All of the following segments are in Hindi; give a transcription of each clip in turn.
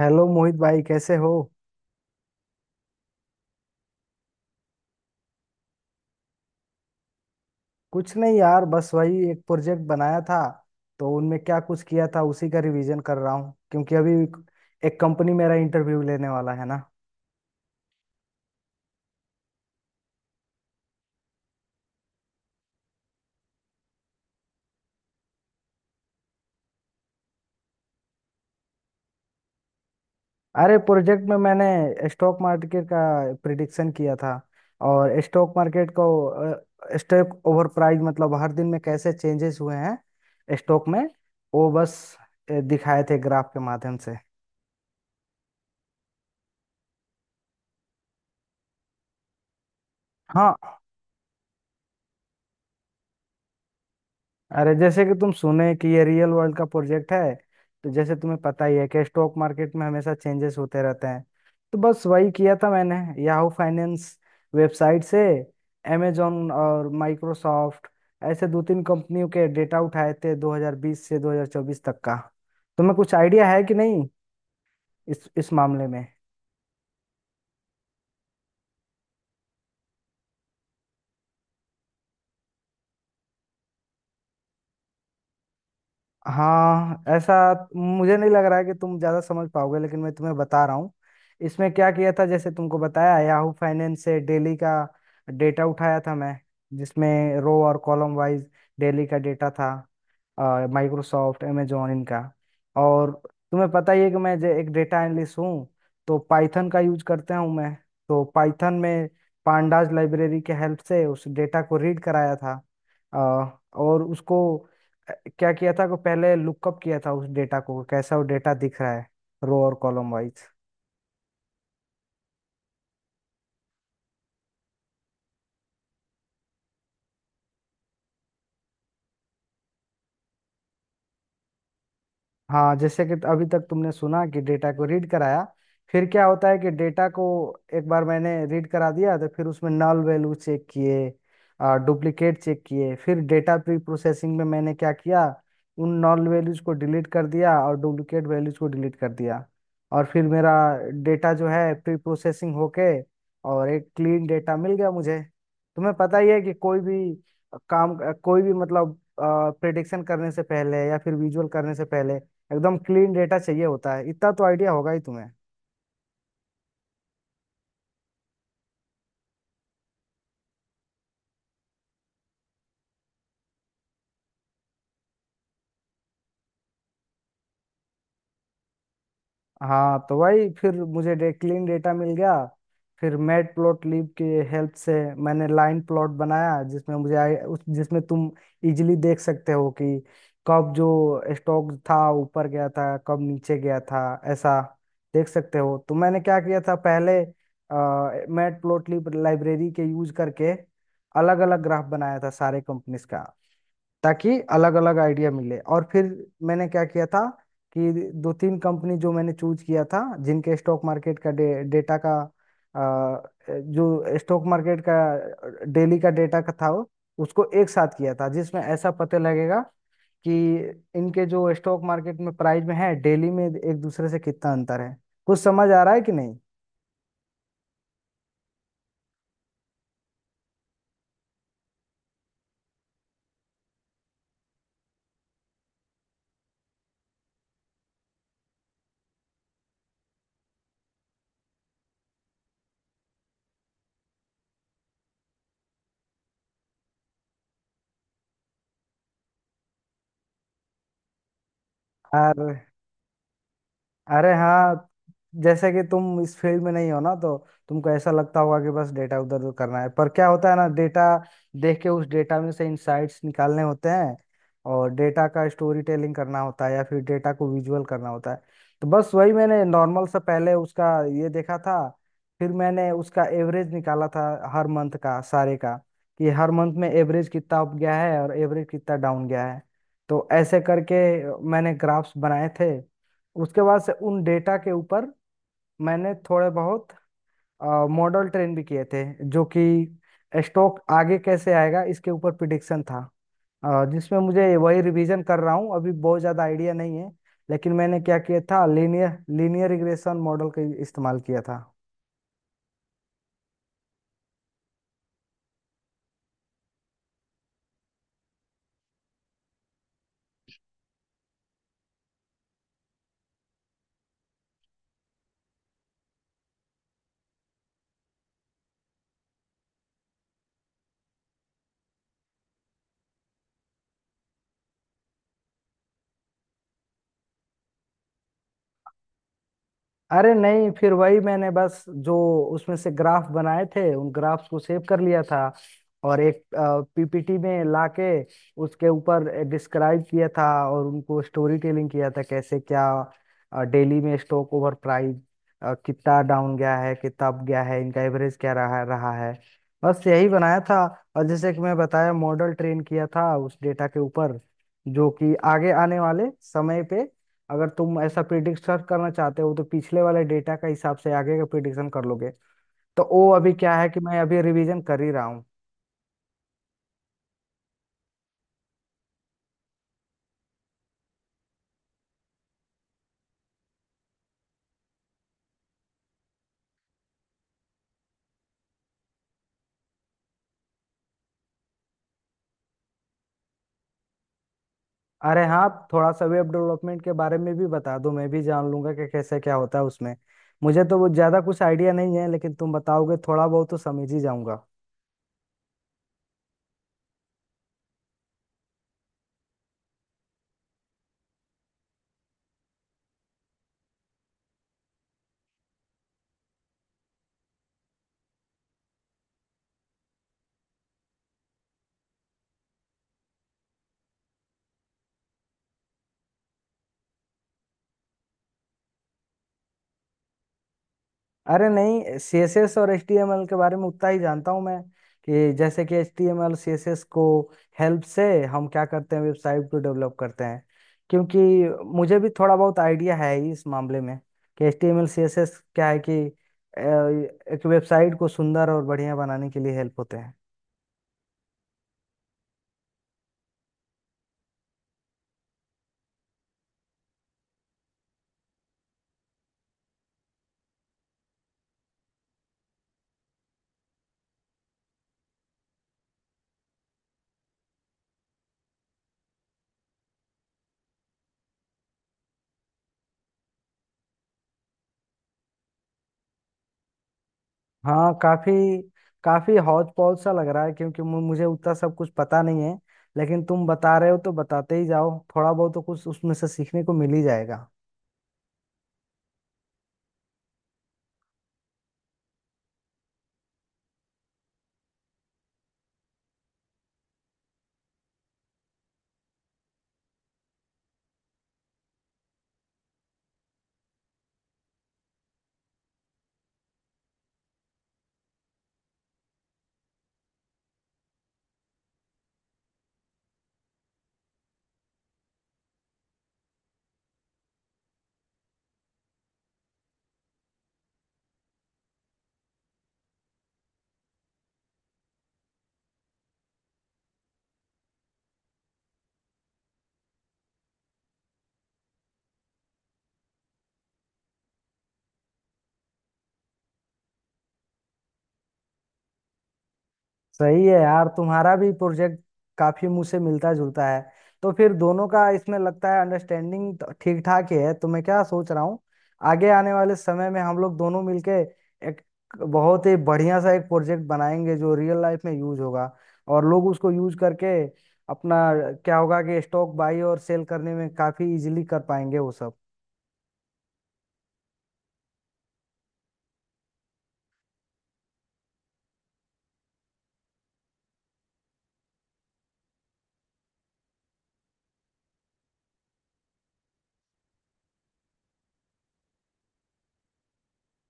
हेलो मोहित भाई कैसे हो। कुछ नहीं यार बस वही एक प्रोजेक्ट बनाया था तो उनमें क्या कुछ किया था उसी का रिवीजन कर रहा हूँ, क्योंकि अभी एक कंपनी मेरा इंटरव्यू लेने वाला है ना। अरे प्रोजेक्ट में मैंने स्टॉक मार्केट का प्रिडिक्शन किया था। और स्टॉक मार्केट को स्टॉक ओवर प्राइस मतलब हर दिन में कैसे चेंजेस हुए हैं स्टॉक में, वो बस दिखाए थे ग्राफ के माध्यम से। हाँ, अरे जैसे कि तुम सुने कि ये रियल वर्ल्ड का प्रोजेक्ट है। तो जैसे तुम्हें पता ही है कि स्टॉक मार्केट में हमेशा चेंजेस होते रहते हैं, तो बस वही किया था मैंने। याहू फाइनेंस वेबसाइट से अमेजोन और माइक्रोसॉफ्ट, ऐसे 2-3 कंपनियों के डेटा उठाए थे 2020 से 2024 तक का। तुम्हें कुछ आइडिया है कि नहीं इस मामले में? हाँ ऐसा, मुझे नहीं लग रहा है कि तुम ज्यादा समझ पाओगे, लेकिन मैं तुम्हें बता रहा हूँ। इसमें क्या किया था, जैसे तुमको बताया, याहू फाइनेंस से डेली का डेटा उठाया था मैं, जिसमें रो और कॉलम वाइज डेली का डेटा था माइक्रोसॉफ्ट amazon इनका। और तुम्हें पता ही है कि मैं एक डेटा एनालिस्ट हूँ, तो पाइथन का यूज करता हूँ मैं। तो पाइथन में पांडाज लाइब्रेरी के हेल्प से उस डेटा को रीड कराया था। और उसको अ, क्या किया था कि पहले लुकअप किया था उस डेटा को, कैसा वो डेटा दिख रहा है रो और कॉलम वाइज। हाँ जैसे कि अभी तक तुमने सुना कि डेटा को रीड कराया, फिर क्या होता है कि डेटा को एक बार मैंने रीड करा दिया तो फिर उसमें नल वैल्यू चेक किए, डुप्लीकेट चेक किए। फिर डेटा प्री प्रोसेसिंग में मैंने क्या किया, उन नल वैल्यूज को डिलीट कर दिया और डुप्लीकेट वैल्यूज को डिलीट कर दिया। और फिर मेरा डेटा जो है प्री प्रोसेसिंग होके और एक क्लीन डेटा मिल गया मुझे। तुम्हें पता ही है कि कोई भी काम, कोई भी मतलब प्रेडिक्शन करने से पहले या फिर विजुअल करने से पहले, एकदम क्लीन डेटा चाहिए होता है। इतना तो आइडिया होगा ही तुम्हें। हाँ तो वही, फिर मुझे क्लीन डेटा मिल गया। फिर मैट प्लॉट लिब की हेल्प से मैंने लाइन प्लॉट बनाया, जिसमें मुझे आई, उस जिसमें तुम इजीली देख सकते हो कि कब जो स्टॉक था ऊपर गया था कब नीचे गया था, ऐसा देख सकते हो। तो मैंने क्या किया था पहले, मैट प्लॉट लिब लाइब्रेरी के यूज करके अलग अलग ग्राफ बनाया था सारे कंपनीज का, ताकि अलग अलग आइडिया मिले। और फिर मैंने क्या किया था कि दो तीन कंपनी जो मैंने चूज किया था जिनके स्टॉक मार्केट का डेटा का, जो स्टॉक मार्केट का डेली का डेटा का था उसको एक साथ किया था, जिसमें ऐसा पता लगेगा कि इनके जो स्टॉक मार्केट में प्राइस में है डेली में एक दूसरे से कितना अंतर है। कुछ समझ आ रहा है कि नहीं? और अरे हाँ, जैसे कि तुम इस फील्ड में नहीं हो ना, तो तुमको ऐसा लगता होगा कि बस डेटा उधर उधर करना है। पर क्या होता है ना, डेटा देख के उस डेटा में से इंसाइट्स निकालने होते हैं, और डेटा का स्टोरी टेलिंग करना होता है या फिर डेटा को विजुअल करना होता है। तो बस वही मैंने नॉर्मल सा पहले उसका ये देखा था, फिर मैंने उसका एवरेज निकाला था, हर मंथ का सारे का, कि हर मंथ में एवरेज कितना अप गया है और एवरेज कितना डाउन गया है। तो ऐसे करके मैंने ग्राफ्स बनाए थे। उसके बाद से उन डेटा के ऊपर मैंने थोड़े बहुत मॉडल ट्रेन भी किए थे, जो कि स्टॉक आगे कैसे आएगा इसके ऊपर प्रिडिक्शन था। जिसमें मुझे, वही रिवीजन कर रहा हूँ अभी, बहुत ज़्यादा आइडिया नहीं है। लेकिन मैंने क्या किया था, लीनियर लीनियर रिग्रेशन मॉडल का इस्तेमाल किया था। अरे नहीं, फिर वही मैंने बस जो उसमें से ग्राफ बनाए थे उन ग्राफ्स को सेव कर लिया था और एक पीपीटी में लाके उसके ऊपर डिस्क्राइब किया था और उनको स्टोरी टेलिंग किया था कैसे क्या डेली में स्टॉक ओवर प्राइस कितना डाउन गया है कितना अप गया है इनका एवरेज क्या रहा रहा है। बस यही बनाया था। और जैसे कि मैं बताया, मॉडल ट्रेन किया था उस डेटा के ऊपर, जो कि आगे आने वाले समय पे अगर तुम ऐसा प्रिडिक्शन करना चाहते हो तो पिछले वाले डेटा के हिसाब से आगे का प्रिडिक्शन कर लोगे। तो वो अभी क्या है कि मैं अभी रिवीजन कर ही रहा हूँ। अरे हाँ, थोड़ा सा वेब डेवलपमेंट के बारे में भी बता दो, मैं भी जान लूंगा कि कैसे क्या होता है उसमें। मुझे तो वो ज्यादा कुछ आइडिया नहीं है, लेकिन तुम बताओगे थोड़ा बहुत तो समझ ही जाऊंगा। अरे नहीं, सीएसएस और एचटीएमएल के बारे में उतना ही जानता हूँ मैं कि जैसे कि एचटीएमएल सीएसएस को हेल्प से हम क्या करते हैं, वेबसाइट को डेवलप करते हैं। क्योंकि मुझे भी थोड़ा बहुत आइडिया है ही इस मामले में कि एचटीएमएल सीएसएस क्या है कि एक वेबसाइट को सुंदर और बढ़िया बनाने के लिए हेल्प होते हैं। हाँ काफी, काफी हौज पौज सा लग रहा है, क्योंकि मुझे उतना सब कुछ पता नहीं है। लेकिन तुम बता रहे हो तो बताते ही जाओ, थोड़ा बहुत तो कुछ उसमें से सीखने को मिल ही जाएगा। सही है यार, तुम्हारा भी प्रोजेक्ट काफी मुझसे मिलता जुलता है। तो फिर दोनों का इसमें लगता है अंडरस्टैंडिंग ठीक ठाक ही है। तो मैं क्या सोच रहा हूँ, आगे आने वाले समय में हम लोग दोनों मिलके एक बहुत ही बढ़िया सा एक प्रोजेक्ट बनाएंगे जो रियल लाइफ में यूज होगा, और लोग उसको यूज करके अपना, क्या होगा कि स्टॉक बाई और सेल करने में काफी इजीली कर पाएंगे वो सब।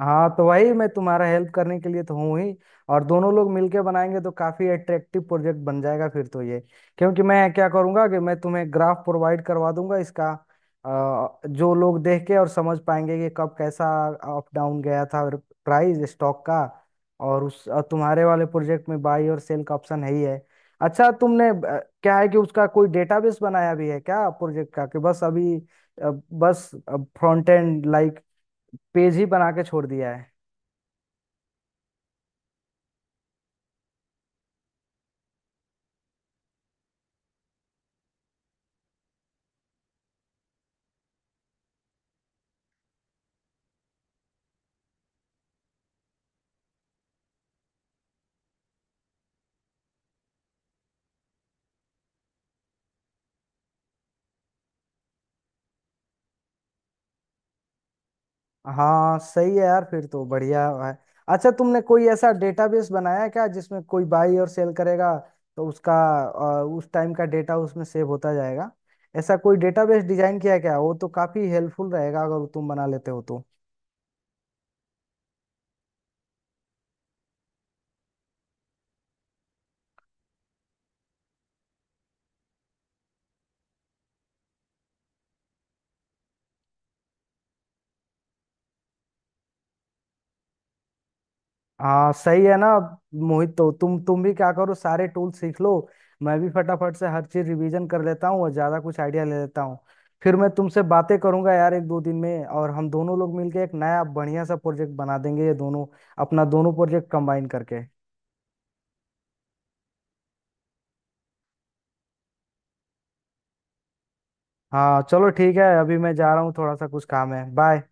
हाँ तो वही, मैं तुम्हारा हेल्प करने के लिए तो हूँ ही, और दोनों लोग मिलके बनाएंगे तो काफी अट्रैक्टिव प्रोजेक्ट बन जाएगा फिर तो ये। क्योंकि मैं क्या करूंगा कि मैं तुम्हें ग्राफ प्रोवाइड करवा दूंगा इसका, जो लोग देख के और समझ पाएंगे कि कब कैसा अप डाउन गया था और प्राइस स्टॉक का, और उस और तुम्हारे वाले प्रोजेक्ट में बाई और सेल का ऑप्शन है ही है। अच्छा तुमने क्या है कि उसका कोई डेटाबेस बनाया भी है क्या प्रोजेक्ट का, कि बस अभी बस फ्रंट एंड लाइक पेज ही बना के छोड़ दिया है? हाँ सही है यार, फिर तो बढ़िया है। अच्छा तुमने कोई ऐसा डेटाबेस बनाया है क्या जिसमें कोई बाई और सेल करेगा तो उसका उस टाइम का डेटा उसमें सेव होता जाएगा? ऐसा कोई डेटाबेस डिजाइन किया है क्या? वो तो काफी हेल्पफुल रहेगा अगर तुम बना लेते हो तो। हाँ सही है ना मोहित। तो तुम भी क्या करो, सारे टूल सीख लो। मैं भी फटाफट से हर चीज रिवीजन कर लेता हूँ और ज्यादा कुछ आइडिया ले लेता हूँ, फिर मैं तुमसे बातें करूंगा यार 1-2 दिन में। और हम दोनों लोग मिलके एक नया बढ़िया सा प्रोजेक्ट बना देंगे, ये दोनों अपना दोनों प्रोजेक्ट कंबाइन करके। हाँ चलो ठीक है, अभी मैं जा रहा हूँ, थोड़ा सा कुछ काम है। बाय।